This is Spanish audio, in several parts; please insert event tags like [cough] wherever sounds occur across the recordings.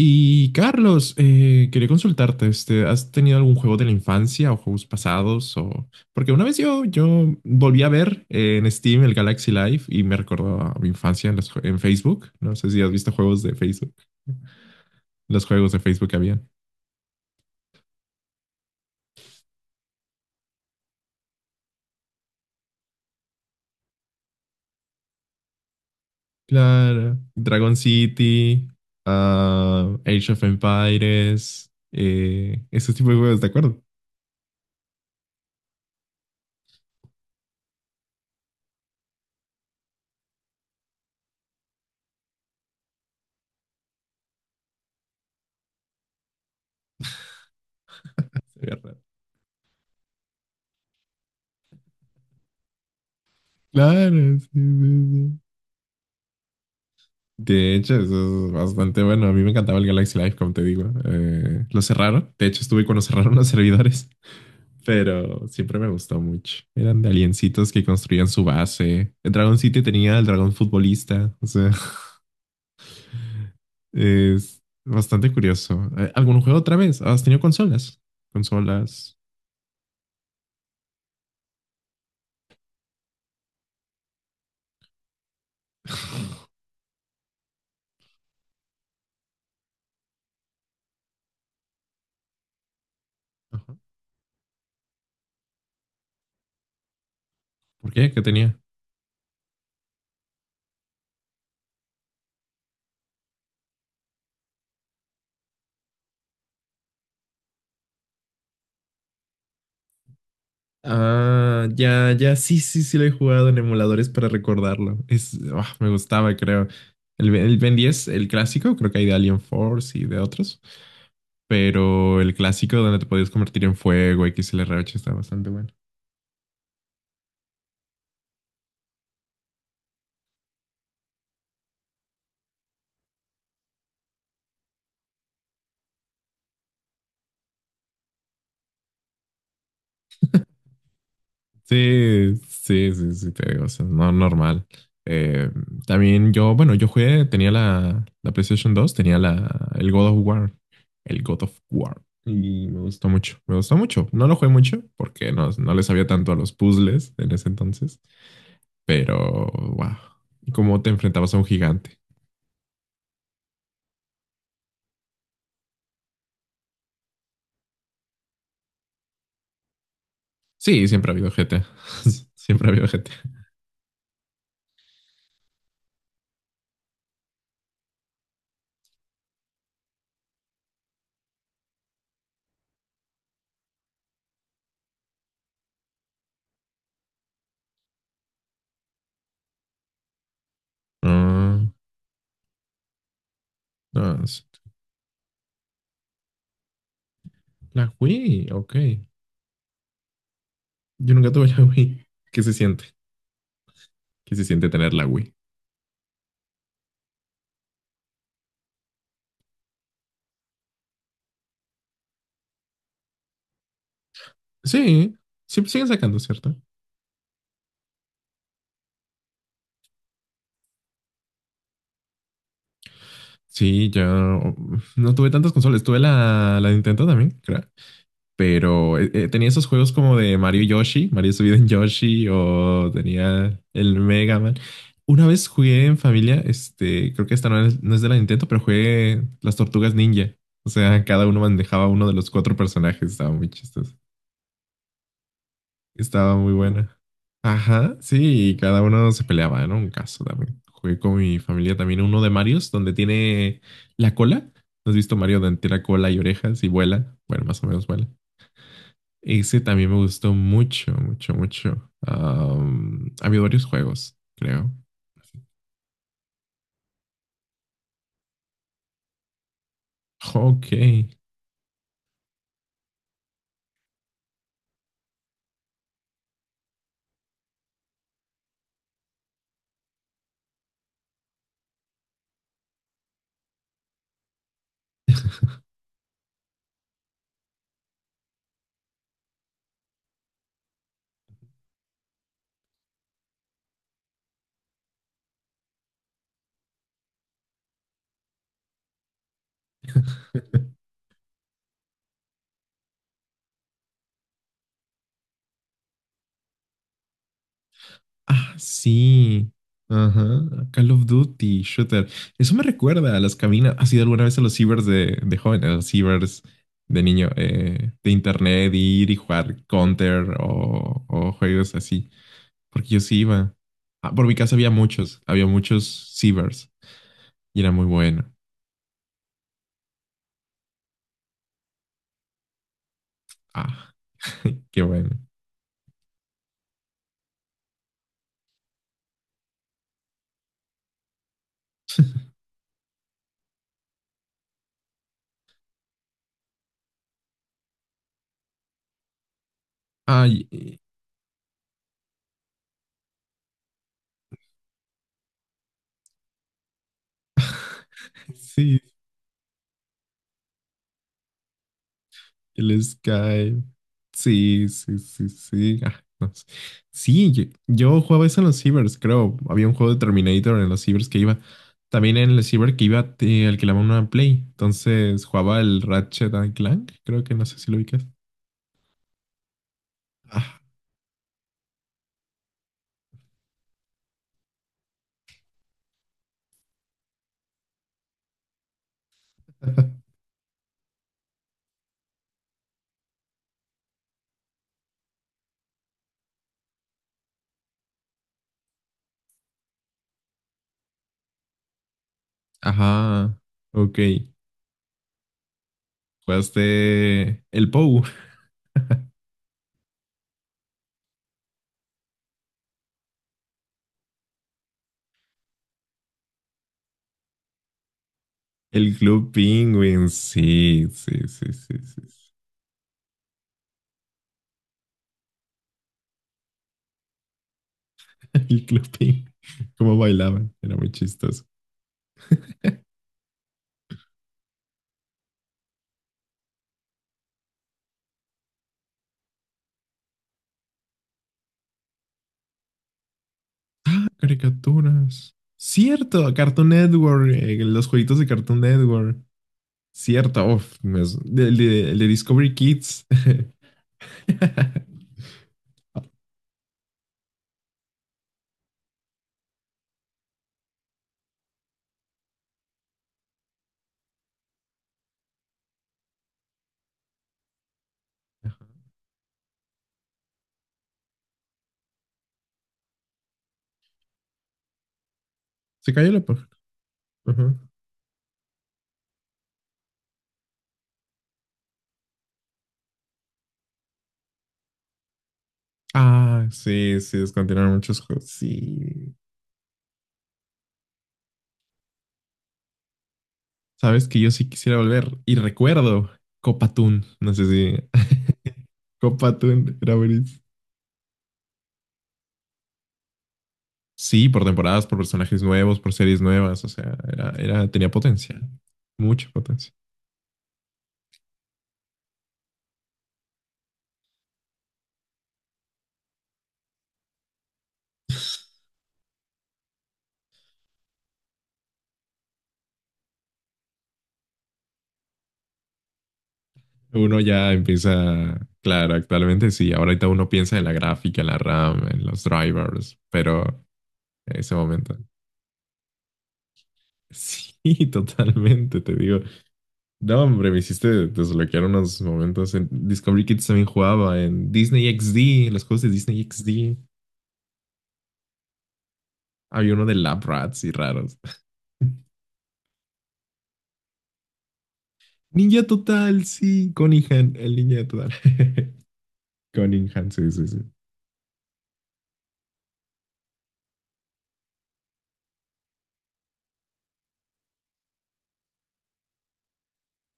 Y Carlos, quería consultarte, este, ¿has tenido algún juego de la infancia o juegos pasados? O... Porque una vez yo volví a ver en Steam el Galaxy Live y me recordó a mi infancia en, en Facebook. No sé si has visto juegos de Facebook, los juegos de Facebook que habían. Claro, Dragon City, ah, Age of Empires, ese tipo de juegos, ¿de acuerdo? Se veía raro. Claro, sí, sí, sí. De hecho, eso es bastante bueno. A mí me encantaba el Galaxy Live, como te digo. Lo cerraron. De hecho, estuve cuando [laughs] cerraron los servidores. Pero siempre me gustó mucho. Eran de aliencitos que construían su base. El Dragon City tenía el dragón futbolista. O sea, [laughs] es bastante curioso. ¿Algún juego otra vez? ¿Has tenido consolas? Consolas. [laughs] Ajá. ¿Por qué? ¿Qué tenía? Ah, ya, ya, sí, sí, sí lo he jugado en emuladores para recordarlo. Es, ah, me gustaba, creo. El Ben 10, el clásico, creo que hay de Alien Force y de otros, pero el clásico donde te podías convertir en fuego, XLR8, está bastante bueno. Sí, sí, sí, sí, te digo, o sea, no normal. Eh, también yo, bueno, yo jugué, tenía la PlayStation 2, tenía la, el God of War, el God of War, y me gustó mucho, me gustó mucho. No lo jugué mucho porque no le sabía tanto a los puzzles en ese entonces, pero, wow, cómo te enfrentabas a un gigante. Sí, siempre ha habido GTA, [laughs] siempre ha habido GTA. Ah, ah, sí. La Wii, ok. Yo nunca tuve la [laughs] Wii. ¿Qué se siente? ¿Qué se siente tener la Wii? Sí, sí, siguen sacando, ¿cierto? Sí, yo no tuve tantas consolas. Tuve la Nintendo también, creo. Pero tenía esos juegos como de Mario y Yoshi, Mario subido en Yoshi, o tenía el Mega Man. Una vez jugué en familia, este, creo que esta no es de la Nintendo, pero jugué las Tortugas Ninja. O sea, cada uno manejaba uno de los cuatro personajes. Estaba muy chistoso. Estaba muy buena. Ajá, sí, y cada uno se peleaba, ¿no? Un caso también. Jugué con mi familia también uno de Marios, donde tiene la cola. ¿No has visto Mario donde tiene la cola y orejas y vuela? Bueno, más o menos vuela. Ese también me gustó mucho, mucho, mucho. Am, ha habido varios juegos, creo. Ok. [laughs] Ah, sí. Ajá. Call of Duty, Shooter. Eso me recuerda a las cabinas. ¿Has ido alguna vez a los cibers de joven, a los cibers de niño, de internet, ir y jugar Counter o juegos así? Porque yo sí iba. Ah, por mi casa había muchos cibers y era muy bueno. Ah, [laughs] qué bueno. Ay, sí, el Skype. Sí, sí, sí, sí. Ah, no sé. Sí, yo jugaba eso en los cibers, creo. Había un juego de Terminator en los cibers que iba. También en el ciber que iba, te alquilaba una Play. Entonces jugaba el Ratchet and Clank, creo que no sé si lo ubicas. Ah, [laughs] ajá, ok. Jugaste el POU, el Club Penguin. Sí, sí, sí, sí, sí. Sí. [laughs] El Club Penguin. Cómo bailaban, era muy chistoso. Caricaturas. Cierto, Cartoon Network, los jueguitos de Cartoon Network. Cierto, uf, me el de Discovery Kids. [laughs] Se cayó la página. Ajá. Ah, sí, sí, descontinuaron muchos juegos. Sí. Sabes que yo sí quisiera volver. Y recuerdo Copatún, no sé si. [laughs] Copatún era buenísimo. Sí, por temporadas, por personajes nuevos, por series nuevas, o sea, era, era, tenía potencia, mucha potencia. Uno ya empieza, claro, actualmente sí, ahorita uno piensa en la gráfica, en la RAM, en los drivers, pero en ese momento, sí, [laughs] totalmente, te digo, no, hombre, me hiciste desbloquear unos momentos en Discovery Kids también jugaba en Disney XD, en los juegos de Disney XD, había uno de Lab Rats y raros. [laughs] Ninja Total, sí, Cunningham, el Ninja Total. [laughs] Cunningham, sí, sí, sí.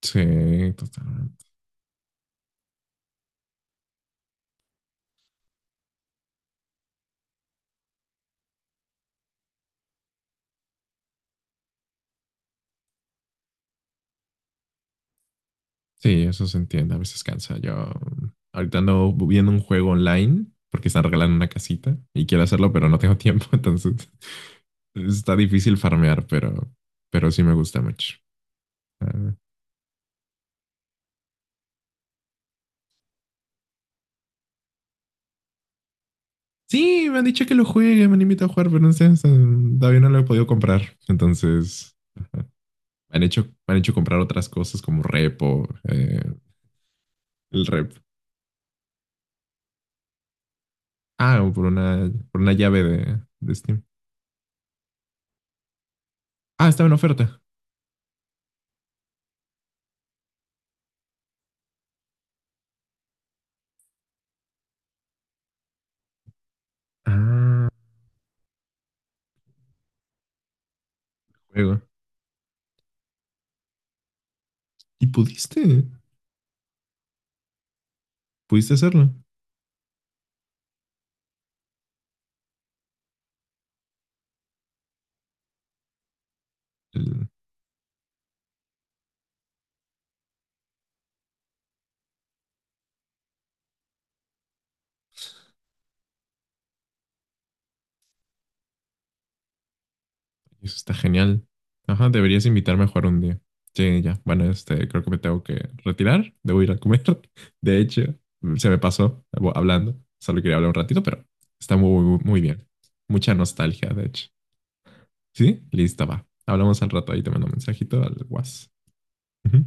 Sí, totalmente. Sí, eso se entiende, a veces cansa. Yo ahorita ando viendo un juego online porque están regalando una casita y quiero hacerlo, pero no tengo tiempo, [laughs] entonces está difícil farmear, pero sí me gusta mucho. Ah, sí, me han dicho que lo juegue, me han invitado a jugar, pero no sé, todavía no lo he podido comprar. Entonces, me han hecho comprar otras cosas como repo, el rep. Ah, o por una llave de Steam. Ah, estaba en oferta. Ah, juego. ¿Y pudiste? Pudiste hacerlo. El- Eso está genial. Ajá, deberías invitarme a jugar un día. Sí, ya. Bueno, este, creo que me tengo que retirar. [laughs] Debo ir a comer. [laughs] De hecho, se me pasó hablando. Solo quería hablar un ratito, pero está muy, muy bien. Mucha nostalgia, de hecho. ¿Sí? Lista, va. Hablamos al rato. Ahí te mando un mensajito al WhatsApp. Ujú.